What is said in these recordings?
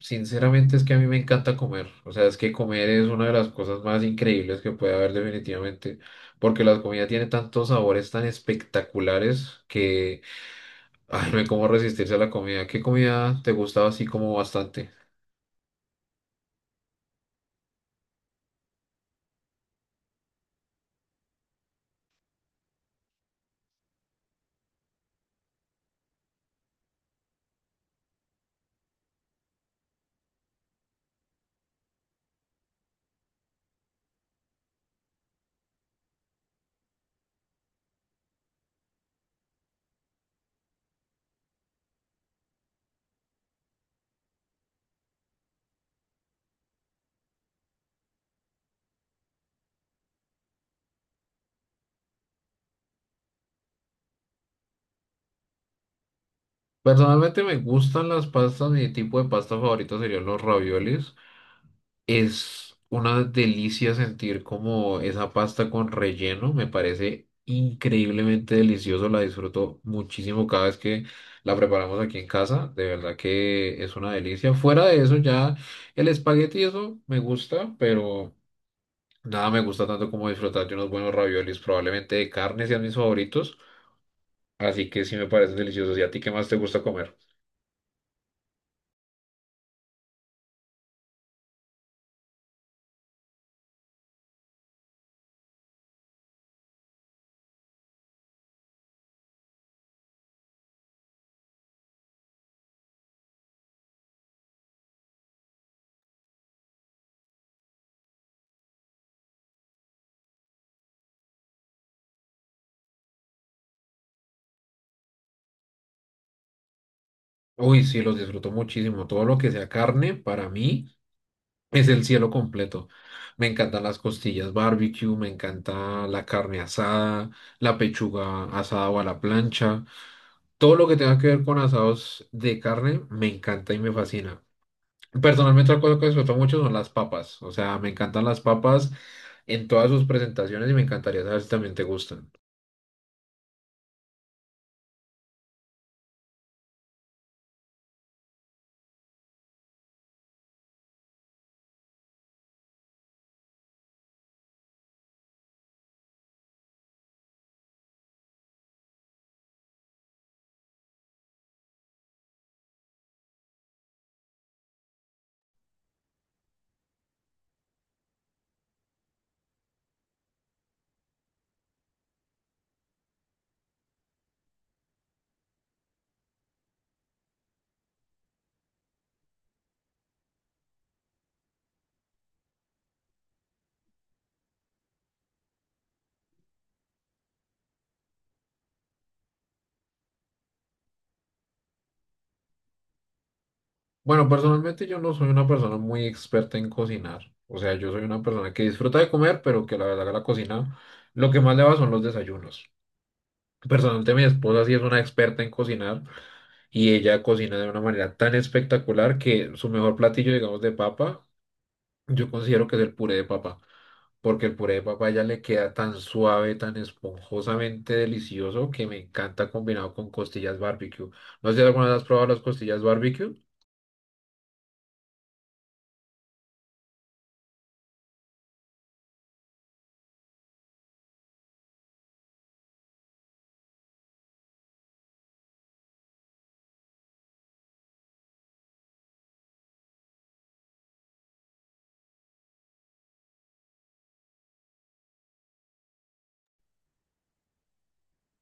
Sinceramente es que a mí me encanta comer, o sea, es que comer es una de las cosas más increíbles que puede haber definitivamente, porque la comida tiene tantos sabores tan espectaculares que ay, no hay cómo resistirse a la comida. ¿Qué comida te gustaba así como bastante? Personalmente me gustan las pastas, mi tipo de pasta favorito serían los raviolis. Es una delicia sentir como esa pasta con relleno, me parece increíblemente delicioso, la disfruto muchísimo cada vez que la preparamos aquí en casa, de verdad que es una delicia. Fuera de eso ya el espagueti eso me gusta, pero nada me gusta tanto como disfrutar de unos buenos raviolis, probablemente de carne sean mis favoritos, así que sí me parecen deliciosos. ¿Y a ti qué más te gusta comer? Uy, sí, los disfruto muchísimo, todo lo que sea carne para mí. Es el cielo completo. Me encantan las costillas barbecue, me encanta la carne asada, la pechuga asada o a la plancha. Todo lo que tenga que ver con asados de carne me encanta y me fascina. Personalmente, otra cosa que disfruto mucho son las papas. O sea, me encantan las papas en todas sus presentaciones y me encantaría saber si también te gustan. Bueno, personalmente yo no soy una persona muy experta en cocinar. O sea, yo soy una persona que disfruta de comer, pero que la verdad que la cocina lo que más le va son los desayunos. Personalmente, mi esposa sí es una experta en cocinar y ella cocina de una manera tan espectacular que su mejor platillo, digamos, de papa, yo considero que es el puré de papa, porque el puré de papa a ella le queda tan suave, tan esponjosamente delicioso que me encanta combinado con costillas barbecue. No sé si alguna vez has probado las costillas barbecue.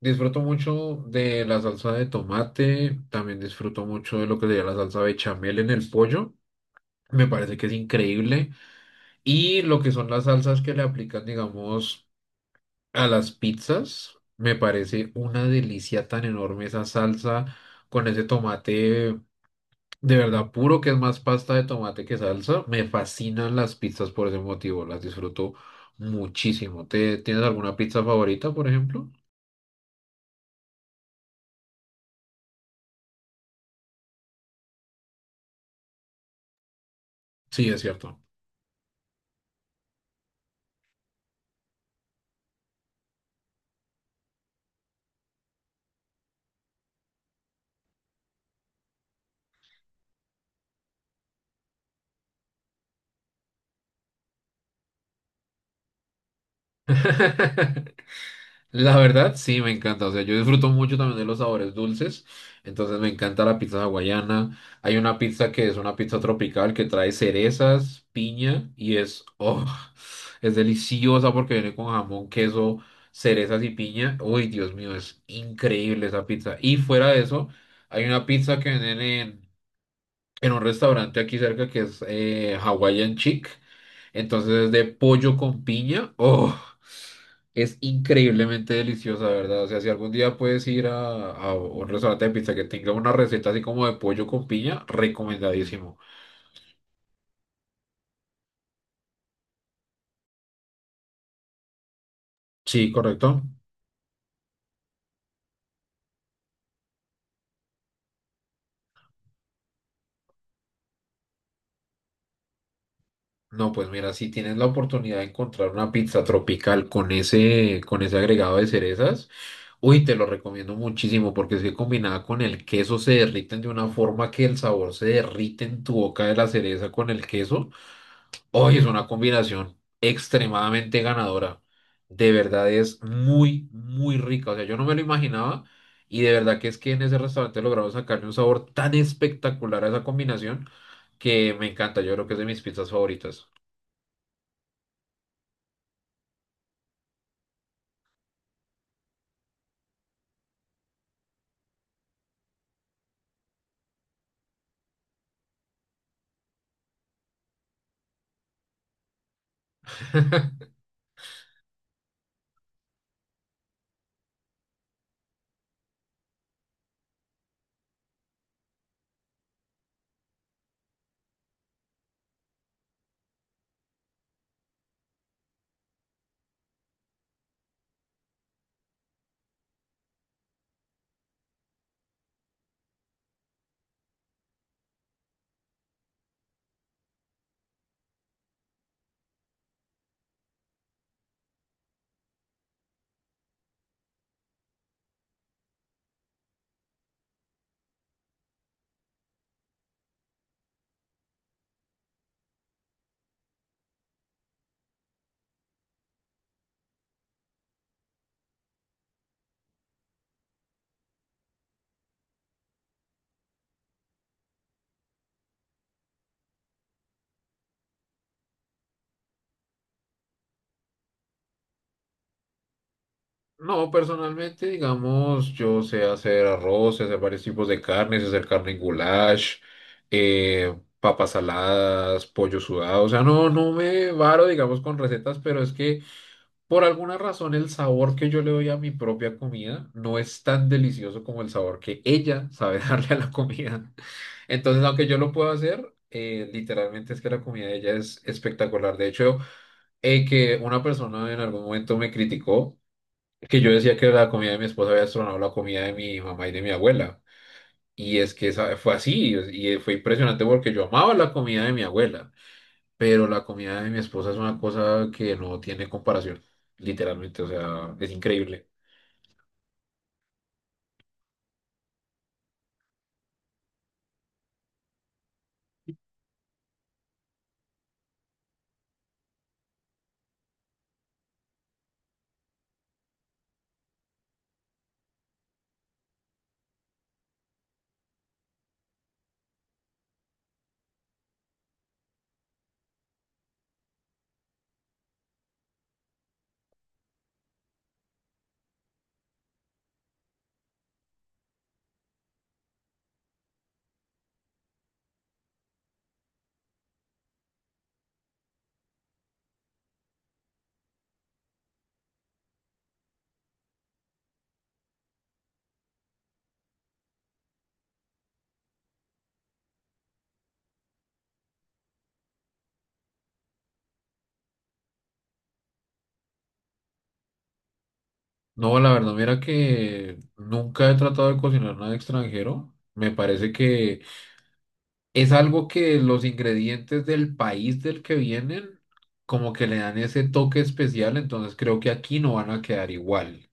Disfruto mucho de la salsa de tomate, también disfruto mucho de lo que sería la salsa bechamel en el pollo. Me parece que es increíble. Y lo que son las salsas que le aplican, digamos, a las pizzas, me parece una delicia tan enorme esa salsa con ese tomate de verdad puro, que es más pasta de tomate que salsa. Me fascinan las pizzas por ese motivo, las disfruto muchísimo. ¿Tienes alguna pizza favorita, por ejemplo? Sí, es cierto. La verdad, sí, me encanta. O sea, yo disfruto mucho también de los sabores dulces. Entonces me encanta la pizza hawaiana. Hay una pizza que es una pizza tropical que trae cerezas, piña y es, oh, es deliciosa porque viene con jamón, queso, cerezas y piña. Uy, Dios mío, es increíble esa pizza. Y fuera de eso, hay una pizza que venden en un restaurante aquí cerca que es Hawaiian Chic. Entonces es de pollo con piña. Oh. Es increíblemente deliciosa, ¿verdad? O sea, si algún día puedes ir a un restaurante de pizza que tenga una receta así como de pollo con piña, recomendadísimo. Sí, correcto. No, pues mira, si tienes la oportunidad de encontrar una pizza tropical con ese agregado de cerezas, uy, te lo recomiendo muchísimo porque es que combinada con el queso se derriten de una forma que el sabor se derrite en tu boca de la cereza con el queso. Hoy es una combinación extremadamente ganadora. De verdad es muy, muy rica. O sea, yo no me lo imaginaba y de verdad que es que en ese restaurante lograron sacarle un sabor tan espectacular a esa combinación que me encanta. Yo creo que es de mis pizzas favoritas. No, personalmente, digamos, yo sé hacer arroz, sé hacer varios tipos de carnes, sé hacer carne en goulash, papas saladas, pollo sudado. O sea, no, no me varo, digamos, con recetas, pero es que por alguna razón, el sabor que yo le doy a mi propia comida no es tan delicioso como el sabor que ella sabe darle a la comida. Entonces, aunque yo lo puedo hacer, literalmente es que la comida de ella es espectacular. De hecho, que una persona en algún momento me criticó que yo decía que la comida de mi esposa había destronado la comida de mi mamá y de mi abuela. Fue así, y fue impresionante porque yo amaba la comida de mi abuela pero la comida de mi esposa es una cosa que no tiene comparación, literalmente, o sea, es increíble. No, la verdad, mira que nunca he tratado de cocinar nada extranjero. Me parece que es algo que los ingredientes del país del que vienen como que le dan ese toque especial, entonces creo que aquí no van a quedar igual.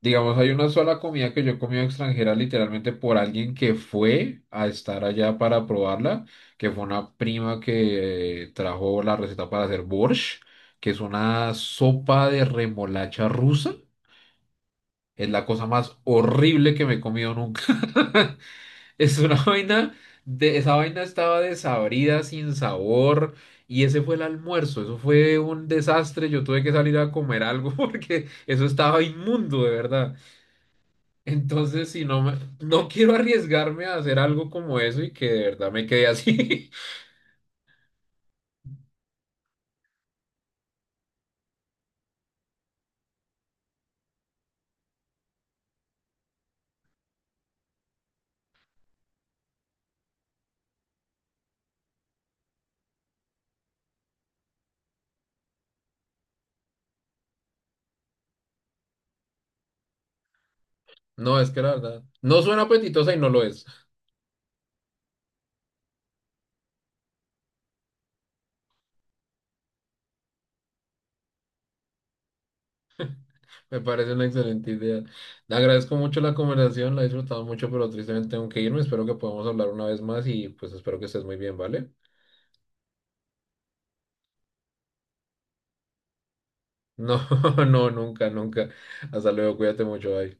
Digamos, hay una sola comida que yo he comido extranjera literalmente por alguien que fue a estar allá para probarla, que fue una prima que trajo la receta para hacer borsch, que es una sopa de remolacha rusa. Es la cosa más horrible que me he comido nunca. Es una esa vaina estaba desabrida, sin sabor, y ese fue el almuerzo. Eso fue un desastre. Yo tuve que salir a comer algo porque eso estaba inmundo, de verdad. Entonces, no quiero arriesgarme a hacer algo como eso y que de verdad me quede así. No, es que la verdad, no suena apetitosa y no lo es. Me parece una excelente idea. Le agradezco mucho la conversación, la he disfrutado mucho, pero tristemente tengo que irme. Espero que podamos hablar una vez más y pues espero que estés muy bien, ¿vale? No, no, nunca, nunca. Hasta luego, cuídate mucho, bye.